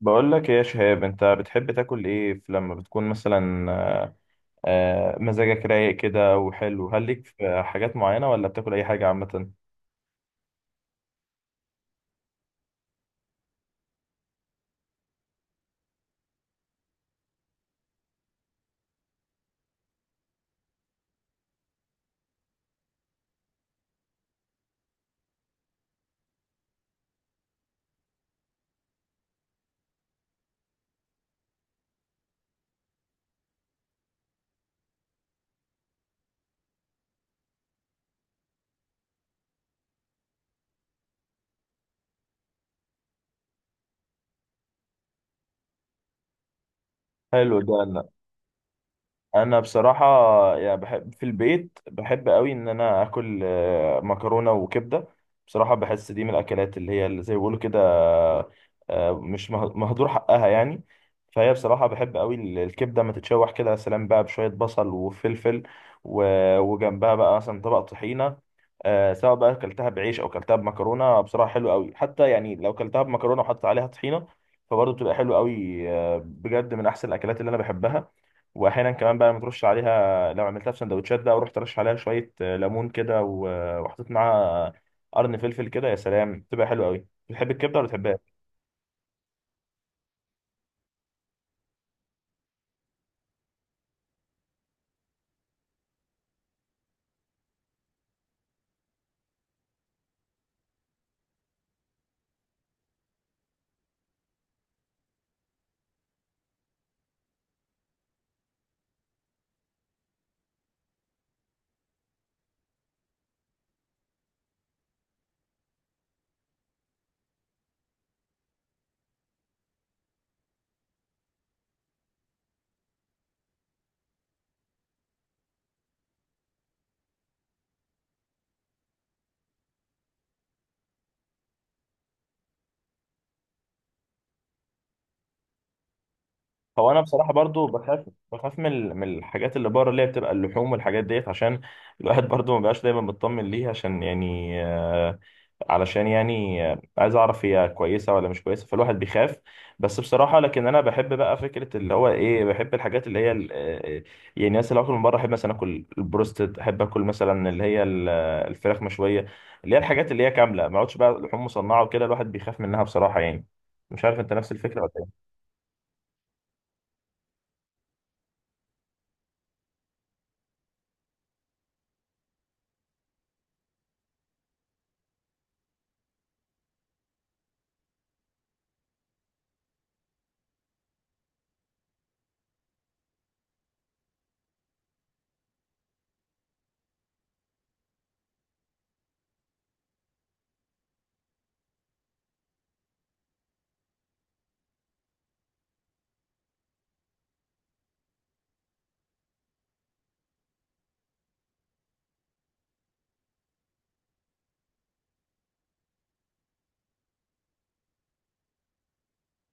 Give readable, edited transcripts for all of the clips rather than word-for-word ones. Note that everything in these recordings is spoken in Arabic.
بقول لك إيه يا شهاب، انت بتحب تاكل ايه لما بتكون مثلا مزاجك رايق كده وحلو؟ هل ليك في حاجات معينة ولا بتاكل اي حاجة عامة؟ حلو ده. انا بصراحه يعني بحب في البيت، بحب قوي ان انا اكل مكرونه وكبده. بصراحه بحس دي من الاكلات اللي هي اللي زي ما بيقولوا كده مش مهدور حقها يعني. فهي بصراحه بحب قوي الكبده ما تتشوح كده، يا سلام بقى بشويه بصل وفلفل. و- وجنبها بقى مثلا طبق طحينه. سواء بقى اكلتها بعيش او اكلتها بمكرونه، بصراحه حلو قوي. حتى يعني لو اكلتها بمكرونه وحطيت عليها طحينه فبرضه بتبقى حلو قوي. بجد من احسن الاكلات اللي انا بحبها. واحيانا كمان بقى لما ترش عليها، لو عملتها في سندوتشات بقى ورحت ترش عليها شويه ليمون كده، و- وحطيت معاها قرن فلفل كده، يا سلام بتبقى حلوه قوي. بتحب الكبده ولا بتحبها؟ هو انا بصراحه برضو بخاف، بخاف من من الحاجات اللي بره اللي هي بتبقى اللحوم والحاجات ديت، عشان الواحد برضو ما بقاش دايما مطمن ليها، عشان يعني علشان يعني عايز اعرف هي كويسه ولا مش كويسه، فالواحد بيخاف. بس بصراحه لكن انا بحب بقى فكره اللي هو ايه، بحب الحاجات اللي هي يعني مثلا لو اكل من بره احب مثلا اكل البروستد، احب اكل مثلا اللي هي الفراخ مشويه، اللي هي الحاجات اللي هي كامله. ما اقعدش بقى لحوم مصنعه وكده، الواحد بيخاف منها بصراحه يعني. مش عارف انت نفس الفكره ولا إيه؟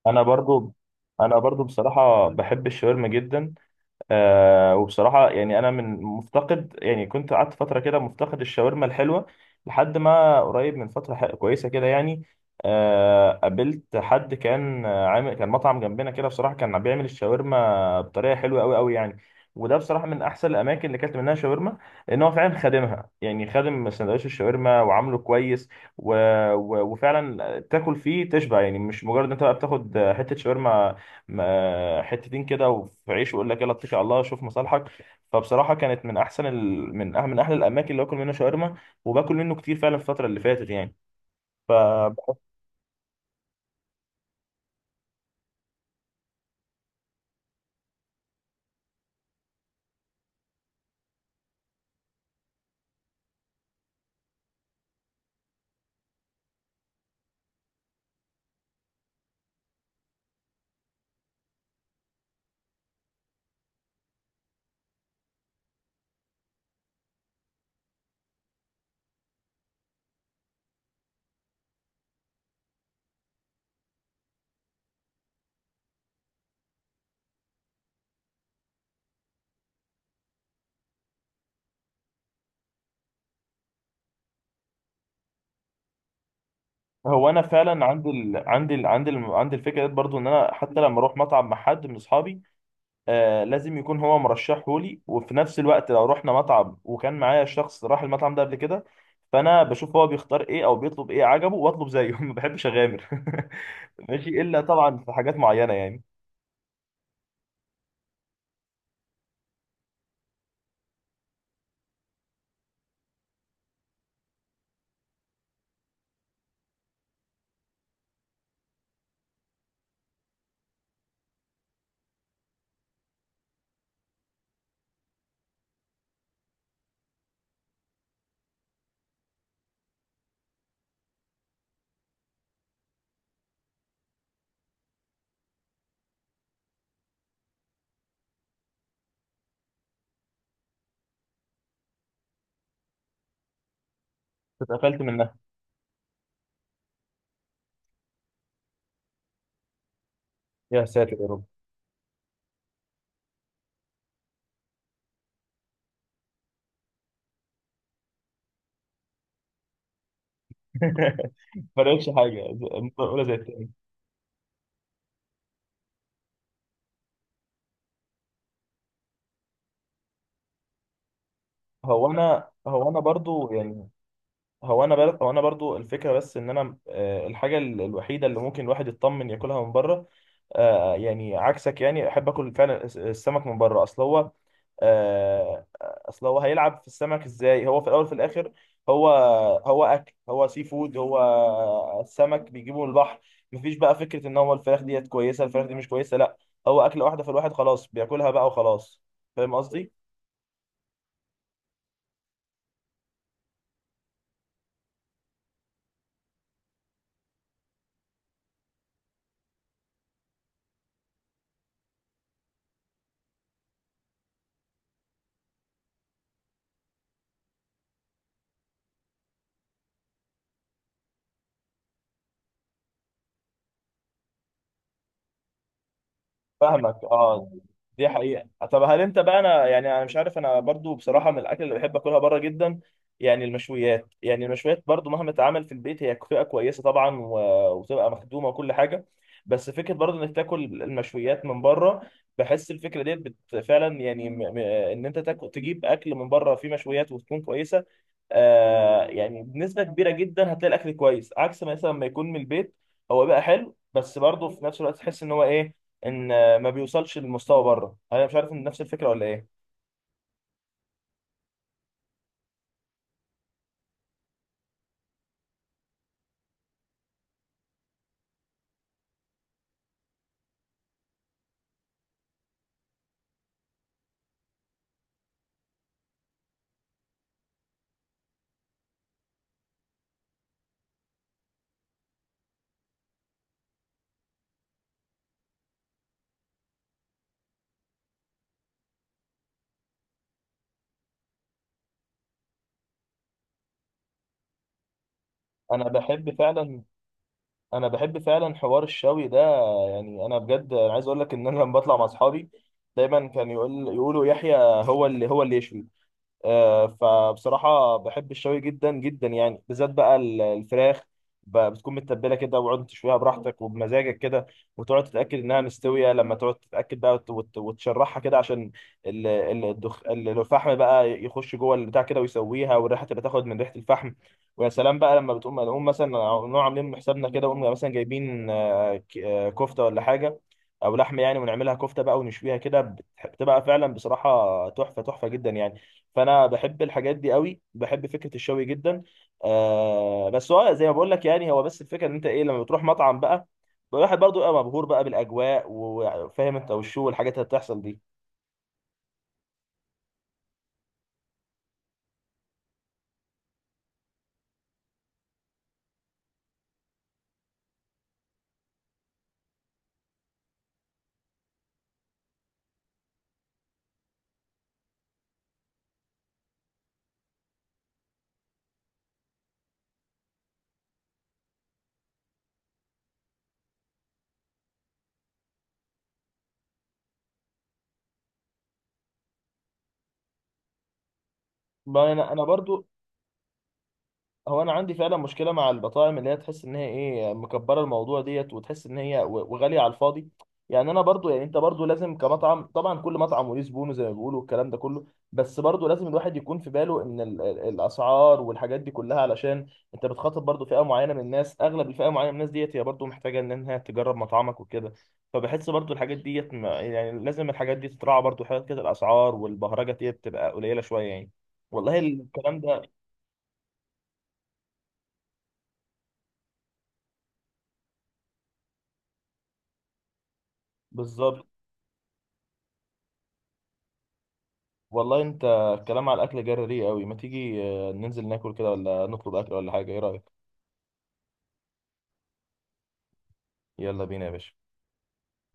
انا برضو انا برضو بصراحه بحب الشاورما جدا. آه وبصراحة يعني أنا من مفتقد، يعني كنت قعدت فترة كده مفتقد الشاورما الحلوة، لحد ما قريب من فترة كويسة كده يعني. آه قابلت حد كان عامل كان مطعم جنبنا كده. بصراحة كان بيعمل الشاورما بطريقة حلوة أوي أوي يعني. وده بصراحة من أحسن الأماكن اللي أكلت منها شاورما، لأن هو فعلا خادمها يعني، خادم سندوتش الشاورما وعامله كويس. و... و... وفعلا تاكل فيه تشبع، يعني مش مجرد أنت بقى بتاخد حتة شاورما حتتين كده وفي عيش ويقول لك يلا اتكل على الله شوف مصالحك. فبصراحه كانت من احسن ال... من أح... من احلى الاماكن اللي باكل منها شاورما، وباكل منه كتير فعلا الفتره اللي فاتت يعني. ف هو انا فعلا عندي الفكره ديت برضو، ان انا حتى لما اروح مطعم مع حد من اصحابي آه لازم يكون هو مرشحه لي. وفي نفس الوقت لو رحنا مطعم وكان معايا شخص راح المطعم ده قبل كده، فانا بشوف هو بيختار ايه او بيطلب ايه عجبه واطلب زيه. ما بحبش اغامر. ماشي، الا طبعا في حاجات معينه يعني. اتقفلت منها. يا ساتر يا رب. ما فرقتش حاجه اولى زي التاني. هو انا برضو يعني. هو انا برضو الفكره، بس ان انا الحاجه الوحيده اللي ممكن الواحد يطمن ياكلها من بره يعني عكسك، يعني احب اكل فعلا السمك من بره. اصل هو اصل هو هيلعب في السمك ازاي؟ هو في الاول وفي الاخر هو هو اكل، هو سي فود، هو السمك بيجيبه من البحر. مفيش بقى فكره ان هو الفراخ ديت كويسه الفراخ دي مش كويسه، لا. هو اكله واحده فالواحد خلاص بياكلها بقى وخلاص. فاهم قصدي؟ فاهمك اه. دي حقيقة. طب هل انت بقى، انا يعني انا مش عارف، انا برضو بصراحة من الاكل اللي بحب اكلها بره جدا يعني المشويات. يعني المشويات برضو مهما اتعمل في البيت هي بتبقى كويسة طبعا و- وتبقى مخدومة وكل حاجة، بس فكرة برضو انك تاكل المشويات من بره، بحس الفكرة ديت فعلا يعني ان انت تاكل تجيب اكل من بره فيه مشويات وتكون كويسة. آه يعني بنسبة كبيرة جدا هتلاقي الأكل كويس، عكس ما مثلا ما يكون من البيت. هو بقى حلو بس برضه في نفس الوقت تحس إن هو إيه، إن ما بيوصلش للمستوى بره. أنا مش عارف إن نفس الفكرة ولا إيه؟ أنا بحب فعلا أنا بحب فعلا حوار الشوي ده. يعني أنا بجد أنا عايز أقول لك إن أنا لما بطلع مع أصحابي دايما كان يقول يقولوا يحيى هو اللي يشوي. فبصراحة بحب الشوي جدا جدا يعني، بالذات بقى الفراخ. بتكون متبلة كده وقعد تشويها براحتك وبمزاجك كده، وتقعد تتأكد إنها مستوية. لما تقعد تتأكد بقى وت- وت- وتشرحها كده عشان الفحم بقى يخش جوه البتاع كده ويسويها، والريحة تبقى تاخد من ريحة الفحم. ويا سلام بقى لما بتقوم نقوم مثلا نقوم عاملين من حسابنا كده، ونقوم مثلا جايبين كفتة ولا حاجة أو لحمة يعني، ونعملها كفتة بقى ونشويها كده بتبقى فعلا بصراحة تحفة، تحفة جدا يعني. فانا بحب الحاجات دي قوي، بحب فكره الشوي جدا. آه بس هو زي ما بقول لك يعني، هو بس الفكره ان انت ايه، لما بتروح مطعم بقى الواحد برضو يبقى مبهور بقى بالاجواء وفاهم انت والشو والحاجات اللي بتحصل دي. ما انا برضو. هو انا عندي فعلا مشكله مع البطاعم اللي هي تحس ان هي ايه، مكبره الموضوع ديت، وتحس ان هي و- وغاليه على الفاضي. يعني انا برضو يعني انت برضو لازم، كمطعم طبعا كل مطعم وليه زبونه زي ما بيقولوا الكلام ده كله، بس برضو لازم الواحد يكون في باله ان الاسعار والحاجات دي كلها، علشان انت بتخاطب برضو فئه معينه من الناس، اغلب الفئه معينه من الناس ديت هي برضو محتاجه انها تجرب مطعمك وكده. فبحس برضو الحاجات ديت يعني لازم الحاجات دي تتراعى برضو، حاجات كده الاسعار والبهرجه ديت تبقى قليله شويه يعني. والله الكلام ده بالظبط. والله انت الكلام على الاكل جري قوي، ما تيجي ننزل ناكل كده ولا نطلب اكل ولا حاجه، ايه رايك؟ يلا بينا يا باشا.